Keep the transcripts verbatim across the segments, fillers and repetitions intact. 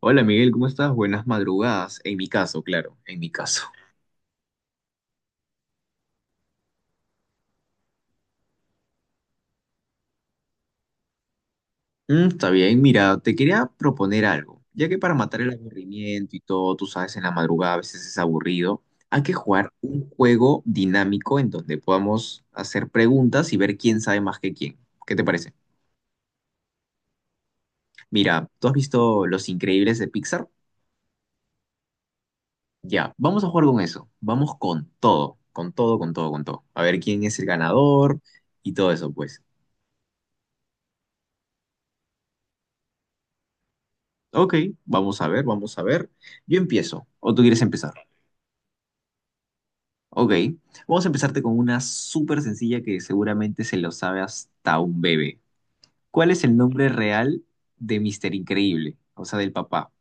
Hola Miguel, ¿cómo estás? Buenas madrugadas. En mi caso, claro, en mi caso. Mm, está bien, mira, te quería proponer algo. Ya que para matar el aburrimiento y todo, tú sabes, en la madrugada a veces es aburrido, hay que jugar un juego dinámico en donde podamos hacer preguntas y ver quién sabe más que quién. ¿Qué te parece? Mira, ¿tú has visto Los Increíbles de Pixar? Ya, vamos a jugar con eso. Vamos con todo, con todo, con todo, con todo. A ver quién es el ganador y todo eso, pues. Ok, vamos a ver, vamos a ver. Yo empiezo, o tú quieres empezar. Ok, vamos a empezarte con una súper sencilla que seguramente se lo sabe hasta un bebé. ¿Cuál es el nombre real de Mister Increíble? O sea, del papá.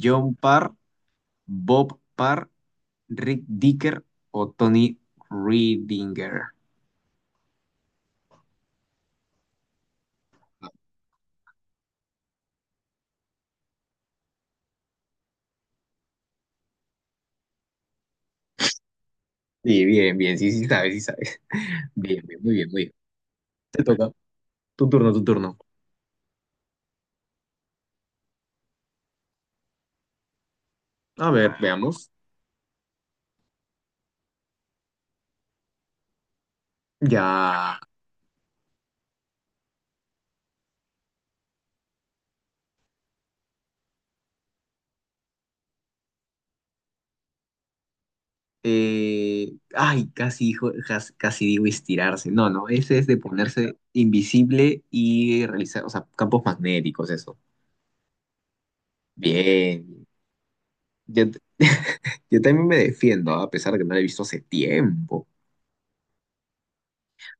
John Parr, Bob Parr, Rick Dicker o Tony Reedinger. Sí, bien, bien, sí, sí sabes, sí sabes. Bien, bien, muy bien, muy bien. Te toca. Tu turno, tu turno. A ver, veamos. Ya. eh, ay, casi, dijo- cas- casi digo estirarse. No, no, ese es de ponerse invisible y realizar, o sea, campos magnéticos, eso. Bien. Yo, yo también me defiendo, ¿ah? A pesar de que no lo he visto hace tiempo.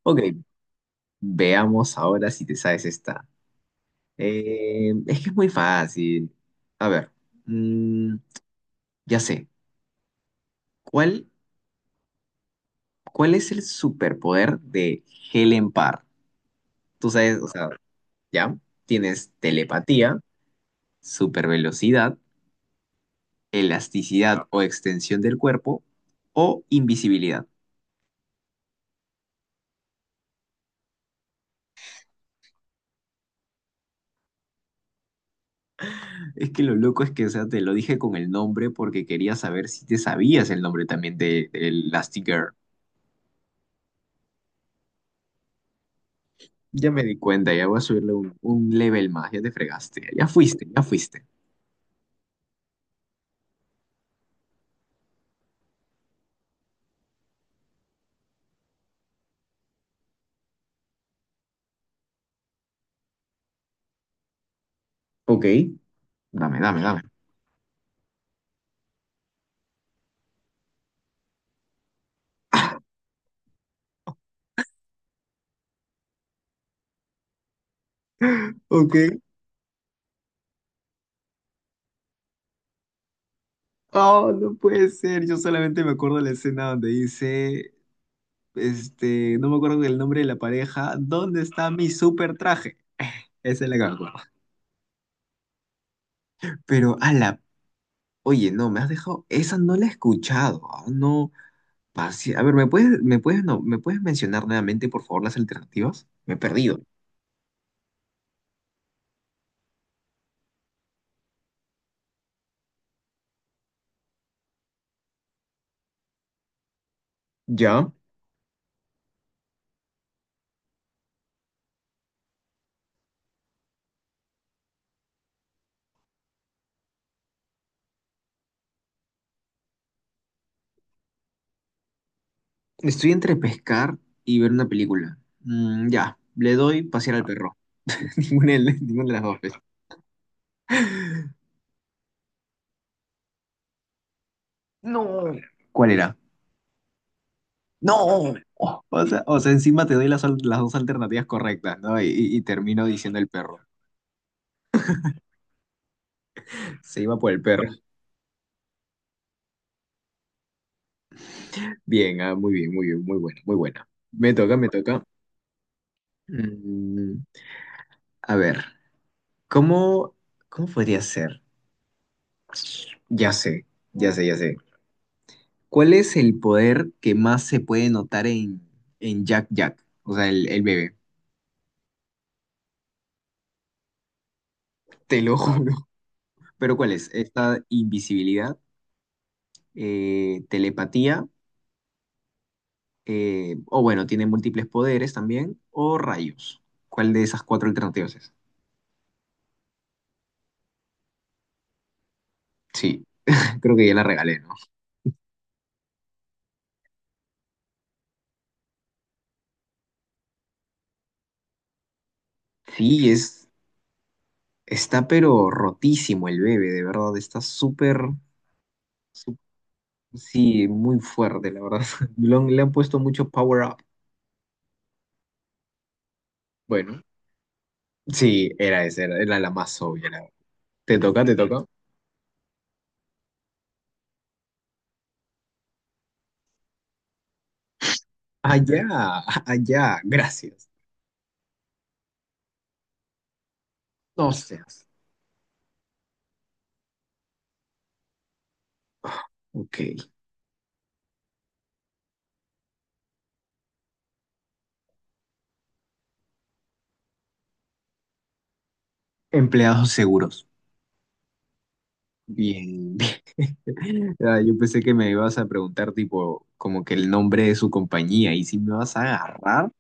Ok, veamos ahora si te sabes esta. Eh, es que es muy fácil. A ver, mm, ya sé. ¿Cuál, ¿cuál es el superpoder de Helen Parr? Tú sabes, o sea, ya tienes telepatía supervelocidad, elasticidad. No. O extensión del cuerpo o invisibilidad. Es que lo loco es que, o sea, te lo dije con el nombre porque quería saber si te sabías el nombre también de, de Elastigirl. Ya me di cuenta, ya voy a subirle un, un level más, ya te fregaste, ya fuiste, ya fuiste. Ok. Dame, dame, dame. Ok. Oh, no puede ser. Yo solamente me acuerdo de la escena donde dice, este, no me acuerdo del nombre de la pareja, ¿dónde está mi super traje? Esa es la que me acuerdo. Pero, ala, oye, no, me has dejado, esa no la he escuchado, ah, no, pasi- a ver, ¿me puedes, me puedes, no, ¿me puedes mencionar nuevamente, por favor, las alternativas? Me he perdido. Ya, estoy entre pescar y ver una película. Mm, ya, le doy pasear al perro. Ninguna de, las- ninguna de las dos. Pues. No. ¿Cuál era? No. Oh, o sea, o sea, encima te doy las, al- las dos alternativas correctas, ¿no? Y, y- y termino diciendo el perro. Se iba por el perro. Bien, ah, muy bien, muy bien, muy buena, muy buena. Me toca, me toca. Mm, a ver, ¿cómo, ¿cómo podría ser? Ya sé, ya sé, ya sé. ¿Cuál es el poder que más se puede notar en, en Jack Jack? O sea, el, el bebé. Te lo juro. ¿Pero cuál es? Esta invisibilidad, eh, telepatía, eh, o bueno, tiene múltiples poderes también, o rayos. ¿Cuál de esas cuatro alternativas es? Sí, creo que ya la regalé, ¿no? Sí, es, está pero rotísimo el bebé, de verdad, está súper... Sí, muy fuerte, la verdad. Le han, le han puesto mucho power up. Bueno, sí, era esa, era, era la más obvia. La verdad. ¿Te toca, te toca? Allá, allá, gracias. No seas. Ok. Empleados seguros. Bien, bien. Ah, yo pensé que me ibas a preguntar, tipo, como que el nombre de su compañía y si me vas a agarrar.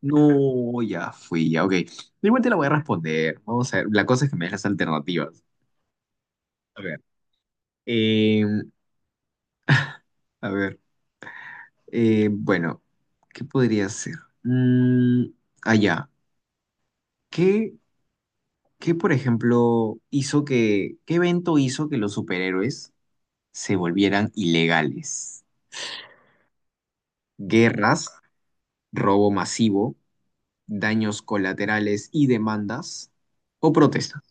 No, ya fui, ya, ok. Igual te la voy a responder. Vamos a ver. La cosa es que me des alternativas. A ver. em, a ver. Eh, bueno, ¿qué podría ser? Mm, allá. ¿Qué, ¿qué, por ejemplo, hizo que, qué evento hizo que los superhéroes se volvieran ilegales? ¿Guerras, robo masivo, daños colaterales y demandas? ¿O protestas?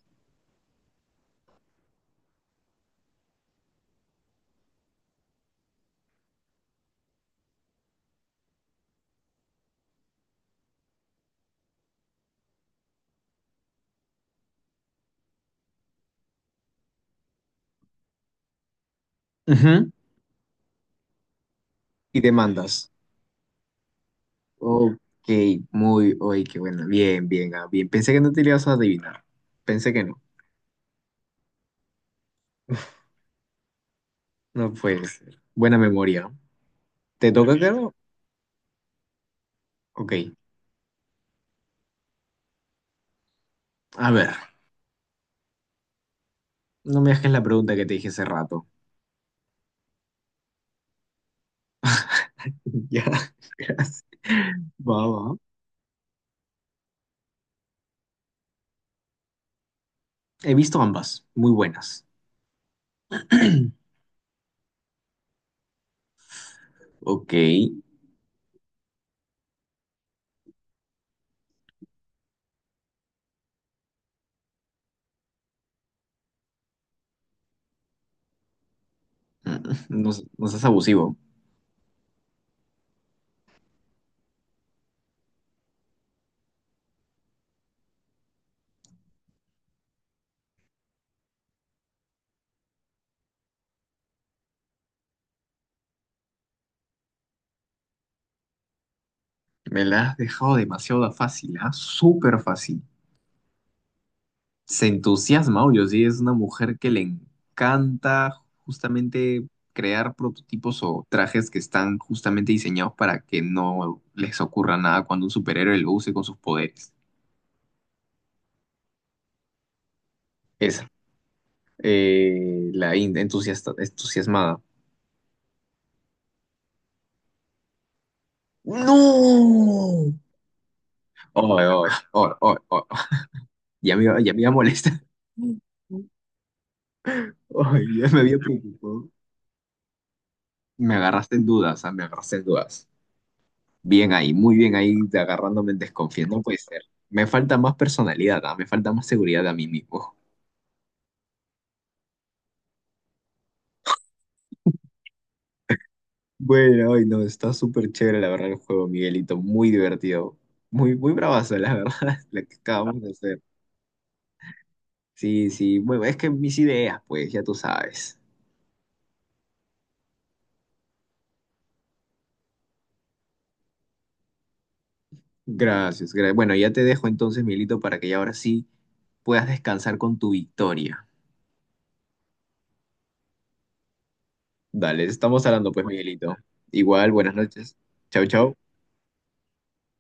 Ujú, y demandas. Ok, muy, oye, qué bueno. Bien, bien, ah, bien. Pensé que no te lo ibas a adivinar. Pensé que no. No puede ser. Buena memoria. ¿Te toca, claro? Ok. A ver, no me dejes la pregunta que te dije hace rato. Ya, gracias. Va, va. He visto ambas, muy buenas. Ok. mm, No, s- no seas abusivo. Me la has dejado demasiado fácil, ¿ah? Súper fácil. Se entusiasma, obvio, sí. Es una mujer que le encanta justamente crear prototipos o trajes que están justamente diseñados para que no les ocurra nada cuando un superhéroe lo use con sus poderes. Es eh, la India entusiasta, entusiasmada. ¡No! Ay, ay, ay, ay, ay. Ya me iba, ya me iba a molestar. Ay, ya me había preocupado. Me agarraste en dudas, ah, me agarraste en dudas. Bien ahí, muy bien ahí, de agarrándome en desconfianza. No puede ser. Me falta más personalidad, ah, me falta más seguridad a mí mismo. Bueno, ay, no, está súper chévere la verdad el juego, Miguelito. Muy divertido. Muy, muy bravazo, la verdad, lo que acabamos de hacer. Sí, sí, bueno, es que mis ideas, pues ya tú sabes. Gracias, gra- bueno, ya te dejo entonces, Miguelito, para que ya ahora sí puedas descansar con tu victoria. Dale, estamos hablando pues, Miguelito. Igual, buenas noches. Chau, chau.